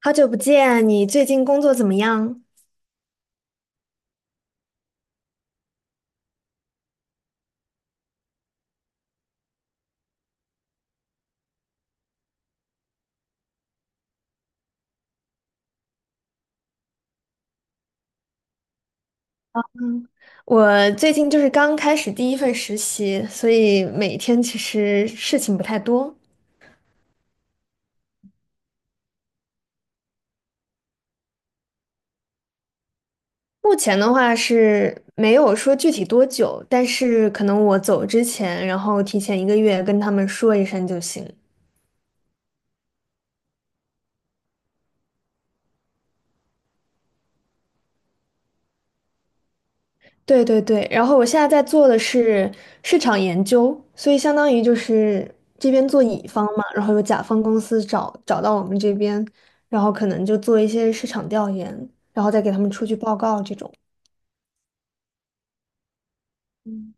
好久不见，你最近工作怎么样？我最近刚开始第一份实习，所以每天其实事情不太多。目前的话是没有说具体多久，但是可能我走之前，然后提前一个月跟他们说一声就行。对对对，然后我现在在做的是市场研究，所以相当于这边做乙方嘛，然后有甲方公司找到我们这边，然后可能就做一些市场调研，然后再给他们出具报告这种。嗯，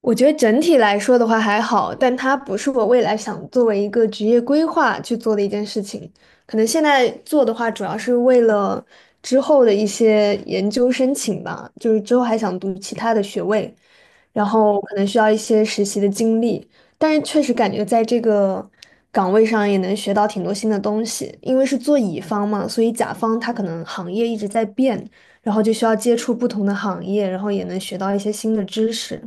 我觉得整体来说的话还好，但它不是我未来想作为一个职业规划去做的一件事情。可能现在做的话，主要是为了之后的一些研究申请吧，之后还想读其他的学位，然后可能需要一些实习的经历，但是确实感觉在这个岗位上也能学到挺多新的东西，因为是做乙方嘛，所以甲方他可能行业一直在变，然后就需要接触不同的行业，然后也能学到一些新的知识。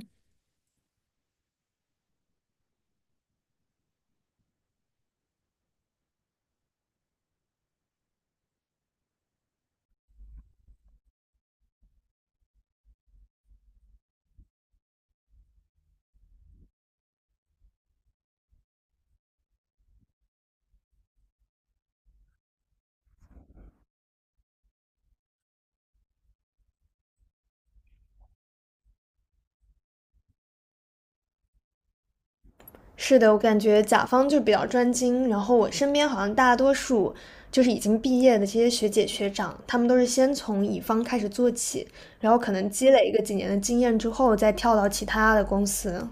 是的，我感觉甲方就比较专精，然后我身边好像大多数已经毕业的这些学姐学长，他们都是先从乙方开始做起，然后可能积累一个几年的经验之后，再跳到其他的公司。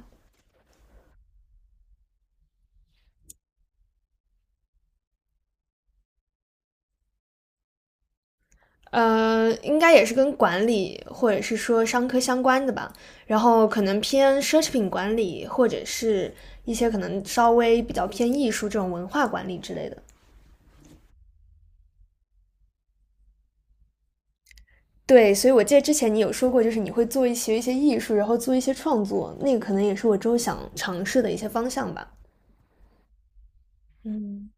应该也是跟管理或者是说商科相关的吧，然后可能偏奢侈品管理，或者是一些可能稍微比较偏艺术这种文化管理之类的。对，所以我记得之前你有说过，你会做一些艺术，然后做一些创作，那个可能也是我之后想尝试的一些方向吧。嗯，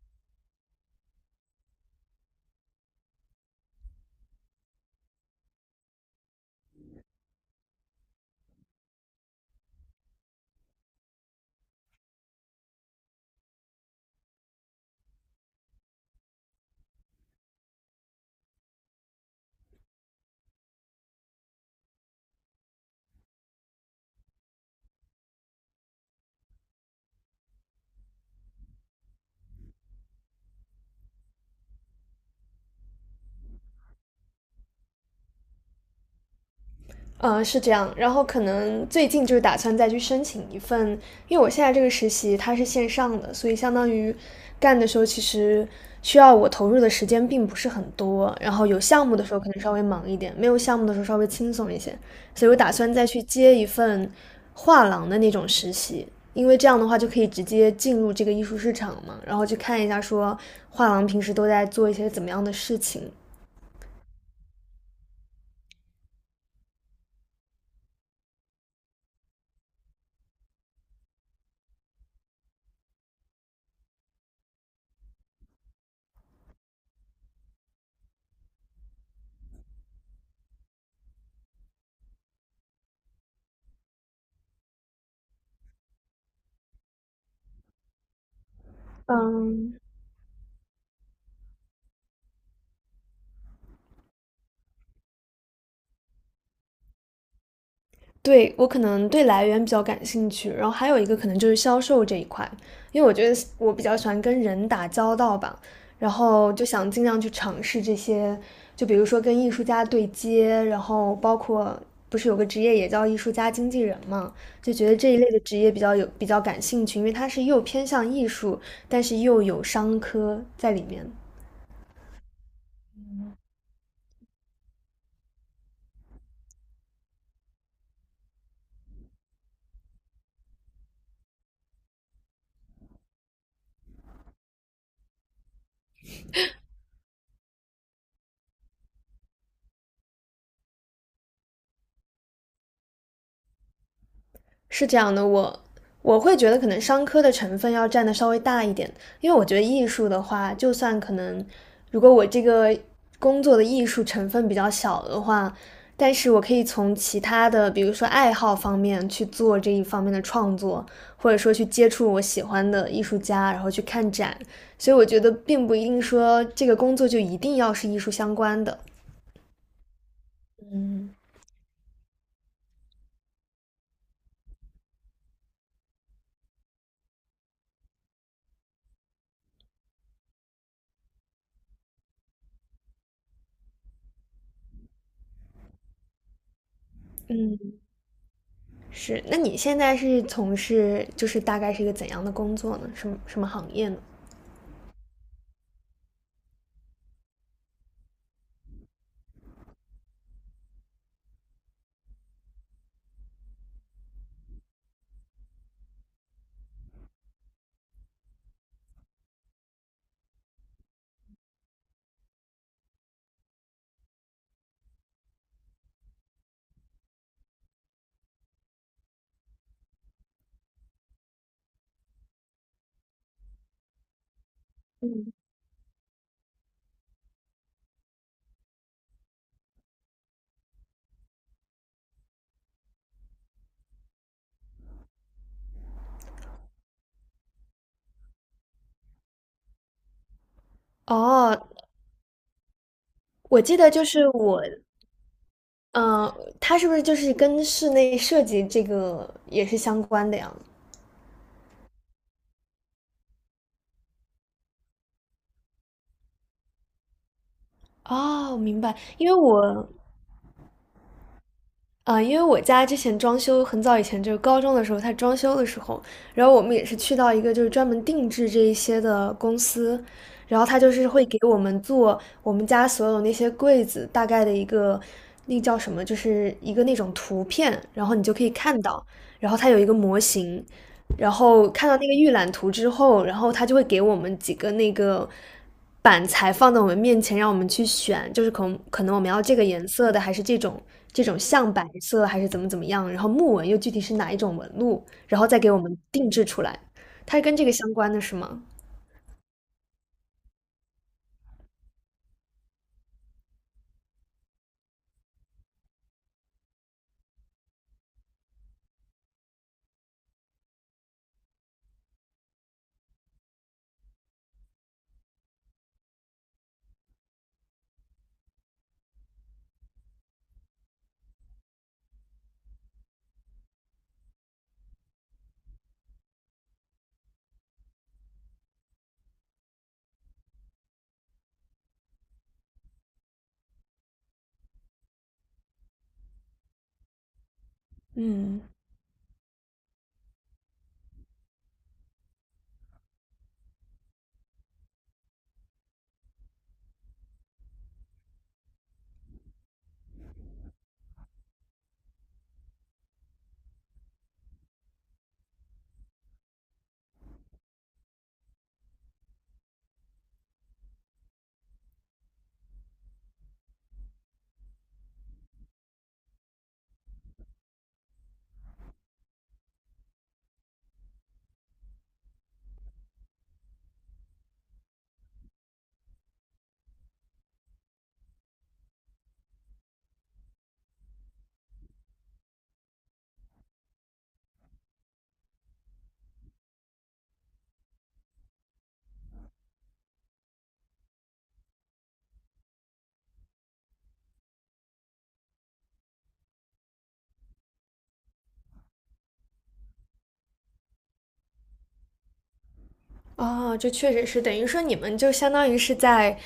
嗯，是这样，然后可能最近打算再去申请一份，因为我现在这个实习它是线上的，所以相当于干的时候其实需要我投入的时间并不是很多，然后有项目的时候可能稍微忙一点，没有项目的时候稍微轻松一些，所以我打算再去接一份画廊的那种实习，因为这样的话就可以直接进入这个艺术市场嘛，然后去看一下说画廊平时都在做一些怎么样的事情。嗯，对，我可能对来源比较感兴趣，然后还有一个可能就是销售这一块，因为我觉得我比较喜欢跟人打交道吧，然后就想尽量去尝试这些，就比如说跟艺术家对接，然后包括不是有个职业也叫艺术家经纪人嘛，就觉得这一类的职业比较有比较感兴趣，因为它是又偏向艺术，但是又有商科在里面。是这样的，我会觉得可能商科的成分要占的稍微大一点，因为我觉得艺术的话，就算可能如果我这个工作的艺术成分比较小的话，但是我可以从其他的，比如说爱好方面去做这一方面的创作，或者说去接触我喜欢的艺术家，然后去看展，所以我觉得并不一定说这个工作就一定要是艺术相关的。嗯，是，那你现在是从事大概是一个怎样的工作呢？什么什么行业呢？哦，我记得就是我，嗯，它是不是就是跟室内设计这个也是相关的呀？哦，明白，因为我因为我家之前装修很早以前，就是高中的时候，他装修的时候，然后我们也是去到一个就是专门定制这一些的公司，然后他就是会给我们做我们家所有那些柜子大概的一个，那叫什么，就是一个那种图片，然后你就可以看到，然后它有一个模型，然后看到那个预览图之后，然后他就会给我们几个那个板材放在我们面前，让我们去选，就是可能我们要这个颜色的，还是这种象白色，还是怎么怎么样，然后木纹又具体是哪一种纹路，然后再给我们定制出来。它是跟这个相关的是吗？嗯，哦，这确实是等于说你们就相当于是在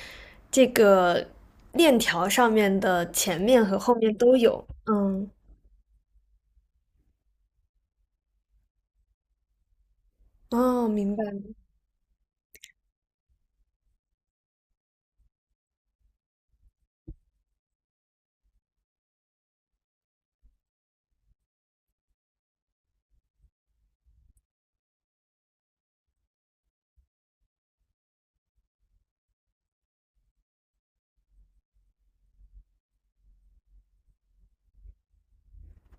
这个链条上面的前面和后面都有。嗯，哦，明白。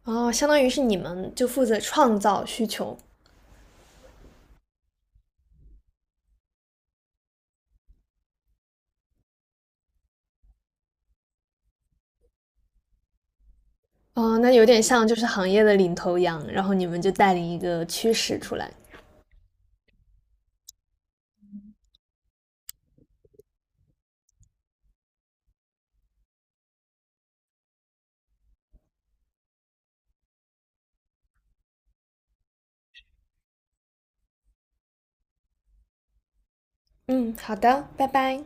哦，相当于是你们就负责创造需求。哦，那有点像行业的领头羊，然后你们就带领一个趋势出来。嗯，好的，拜拜。